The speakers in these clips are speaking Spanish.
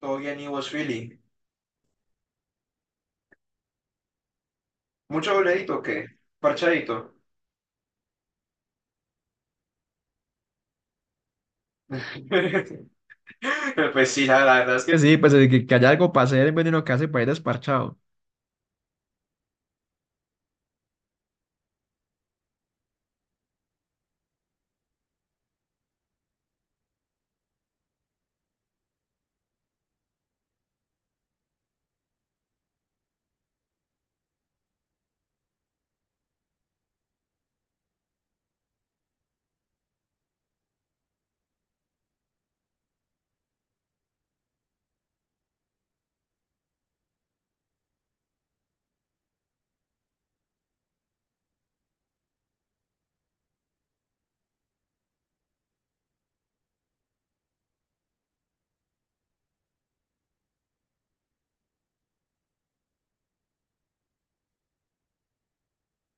Todo bien, y vos, Philly. Mucho dobledito, o ¿qué? Parchadito. Pues sí, la verdad es que sí, pues que haya algo para hacer en vez de uno que hace para ir desparchado.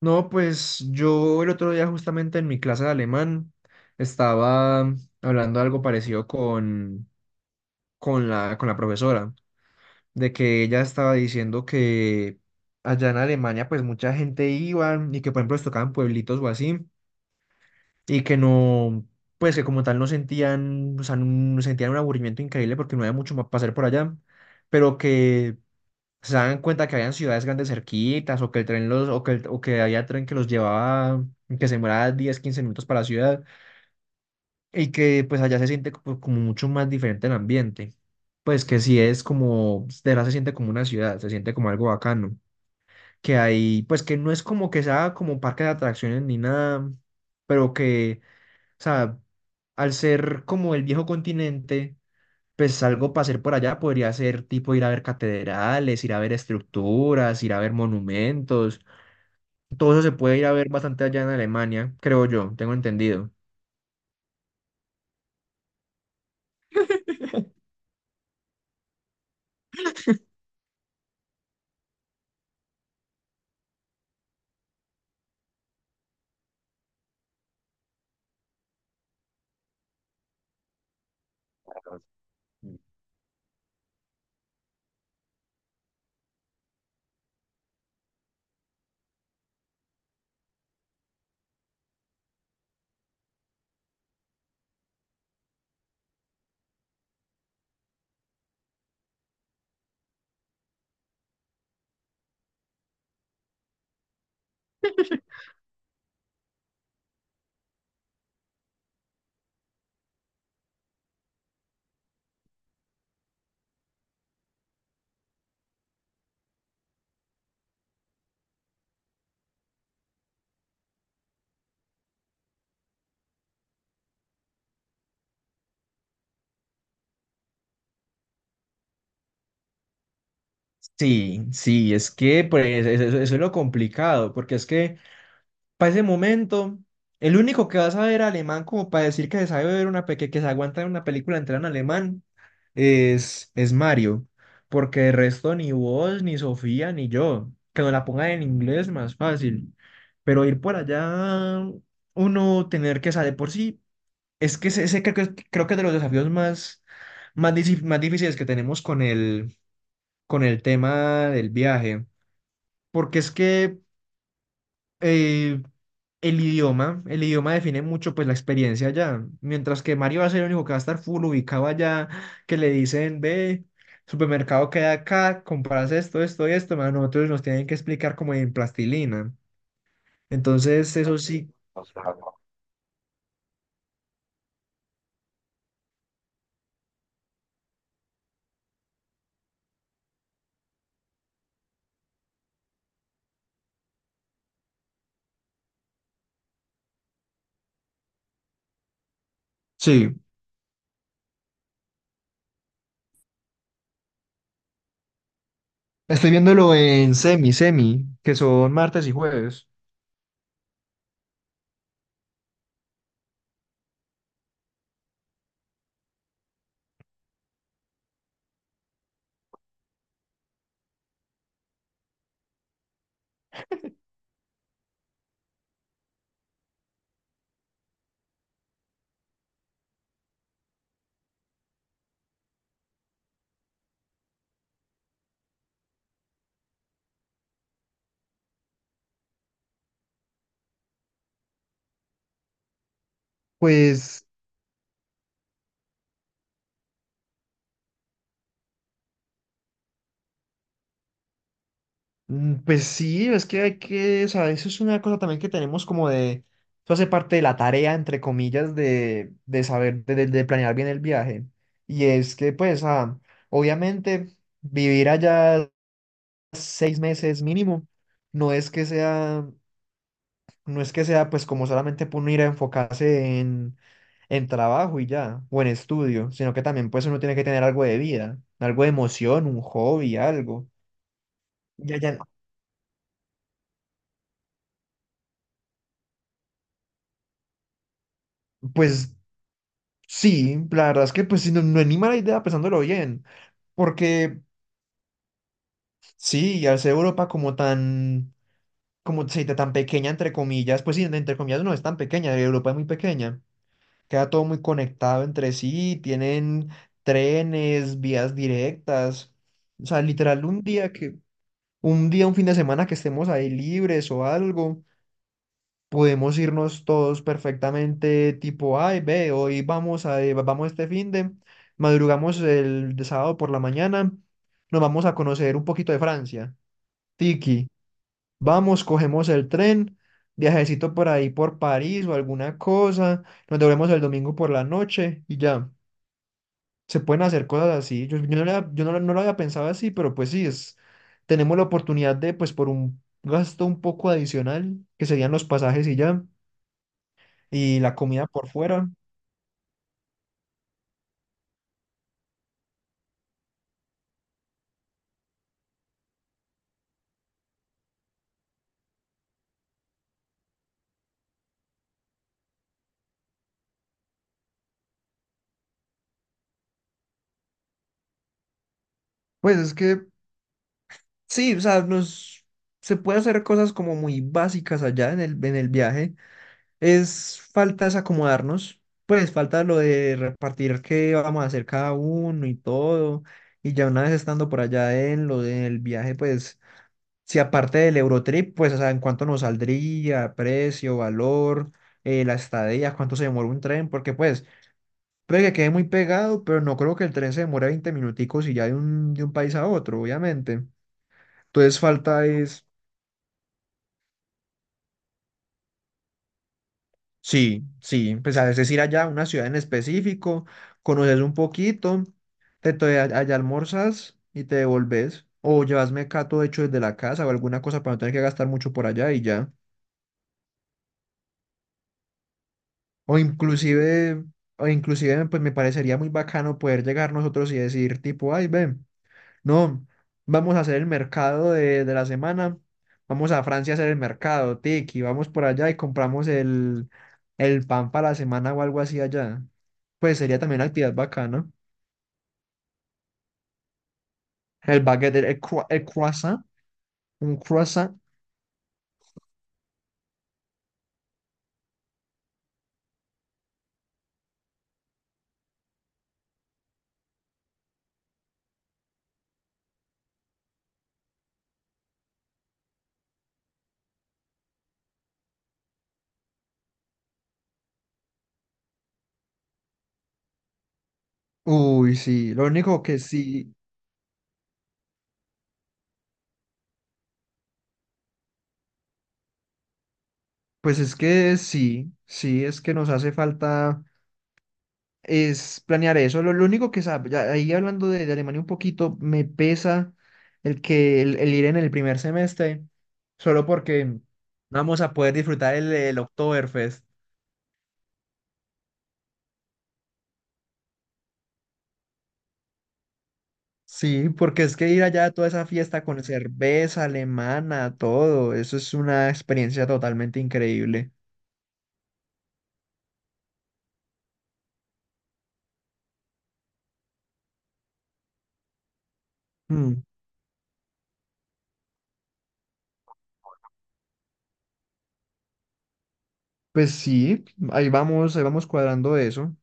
No, pues yo el otro día justamente en mi clase de alemán estaba hablando algo parecido con con la profesora, de que ella estaba diciendo que allá en Alemania pues mucha gente iba y que por ejemplo les tocaban pueblitos o así. Y que no, pues que como tal no sentían, o sea, no sentían un aburrimiento increíble porque no había mucho más para hacer por allá, pero que se daban cuenta que habían ciudades grandes cerquitas o que había tren que los llevaba, que se demoraba 10 15 minutos para la ciudad y que pues allá se siente como mucho más diferente el ambiente. Pues que sí es como, de verdad se siente como una ciudad, se siente como algo bacano. Que hay, pues que no es como que sea como parque de atracciones ni nada, pero que, o sea, al ser como el viejo continente, pues algo para hacer por allá podría ser tipo ir a ver catedrales, ir a ver estructuras, ir a ver monumentos. Todo eso se puede ir a ver bastante allá en Alemania, creo yo, tengo entendido. Sí, sí, es que pues, eso es lo complicado, porque es que para ese momento, el único que va a saber alemán como para decir que se sabe ver una que se aguanta ver una película entera en alemán es Mario, porque de resto ni vos, ni Sofía, ni yo, que nos la pongan en inglés más fácil, pero ir por allá, uno tener que saber por sí, es que ese creo que es de los desafíos más, más difíciles que tenemos con con el tema del viaje, porque es que eh, el idioma define mucho pues la experiencia allá, mientras que Mario va a ser el único que va a estar full ubicado allá, que le dicen, ve, supermercado queda acá, compras esto, esto y esto, más nosotros nos tienen que explicar como en plastilina. Entonces, eso sí. Sí, estoy viéndolo en semi, que son martes y jueves. Pues, mm, pues sí, es que hay que, o sea, eso es una cosa también que tenemos como de, eso hace parte de la tarea, entre comillas, de saber, de planear bien el viaje. Y es que, pues, ah, obviamente, vivir allá 6 meses mínimo, no es que sea, no es que sea, pues, como solamente por uno ir a enfocarse en trabajo y ya, o en estudio, sino que también, pues, uno tiene que tener algo de vida, algo de emoción, un hobby, algo. Ya, ya, pues sí, la verdad es que pues sí, no, no anima la idea pensándolo bien, porque sí, al ser Europa como tan, como se dice, tan pequeña entre comillas, pues sí, entre comillas no es tan pequeña, Europa es muy pequeña, queda todo muy conectado entre sí, tienen trenes, vías directas, o sea, literal un día, un fin de semana que estemos ahí libres o algo, podemos irnos todos perfectamente, tipo, ay, ve, vamos madrugamos el de sábado por la mañana, nos vamos a conocer un poquito de Francia. Tiki, vamos, cogemos el tren, viajecito por ahí por París o alguna cosa, nos devolvemos el domingo por la noche y ya. Se pueden hacer cosas así. Yo no lo había pensado así, pero pues sí, es, tenemos la oportunidad de, pues por un gasto un poco adicional, que serían los pasajes y ya y la comida por fuera. Pues es que sí, o sea, nos, se puede hacer cosas como muy básicas allá en en el viaje. Es falta es acomodarnos, pues falta lo de repartir qué vamos a hacer cada uno y todo. Y ya una vez estando por allá en lo del viaje, pues si aparte del Eurotrip, pues o sea, en cuánto nos saldría, precio, valor, la estadía, cuánto se demora un tren, porque pues... Puede que quede muy pegado, pero no creo que el tren se demore 20 minuticos y ya de un país a otro, obviamente. Entonces falta es, sí, sí, pues a veces ir allá a una ciudad en específico, conoces un poquito, allá almorzas y te devolves, o llevas mecato hecho desde la casa o alguna cosa para no tener que gastar mucho por allá y ya. O inclusive, o inclusive, pues me parecería muy bacano poder llegar nosotros y decir tipo, ay, ven. No, vamos a hacer el mercado de la semana. Vamos a Francia a hacer el mercado, Tiki. Vamos por allá y compramos el pan para la semana o algo así allá. Pues sería también una actividad bacana. El baguette, el croissant, un croissant. Uy, sí. Lo único que sí, pues es que sí, sí, es que nos hace falta, es planear eso. Lo único que sabe, ya ahí hablando de Alemania un poquito, me pesa el que el ir en el primer semestre, solo porque no vamos a poder disfrutar el Oktoberfest. Sí, porque es que ir allá a toda esa fiesta con cerveza alemana, todo, eso es una experiencia totalmente increíble. Mm, pues sí, ahí vamos cuadrando eso.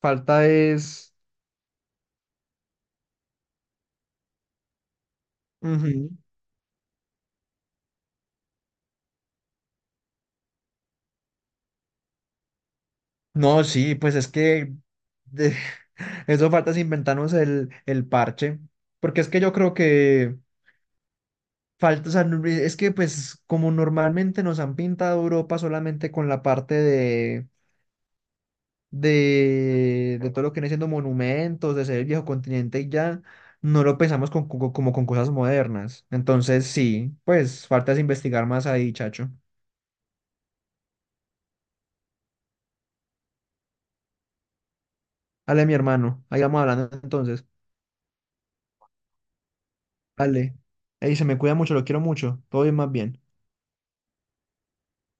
Falta es... Ujú. No, sí, pues es que de- eso falta es inventarnos el parche, porque es que yo creo que falta, o sea, no- es que pues como normalmente nos han pintado Europa solamente con la parte de todo lo que viene siendo monumentos, de ser el viejo continente y ya, no lo pensamos como con cosas modernas. Entonces sí, pues falta es investigar más ahí, chacho. Ale, mi hermano, ahí vamos hablando entonces. Ale, ahí se me cuida mucho, lo quiero mucho, todo bien más bien.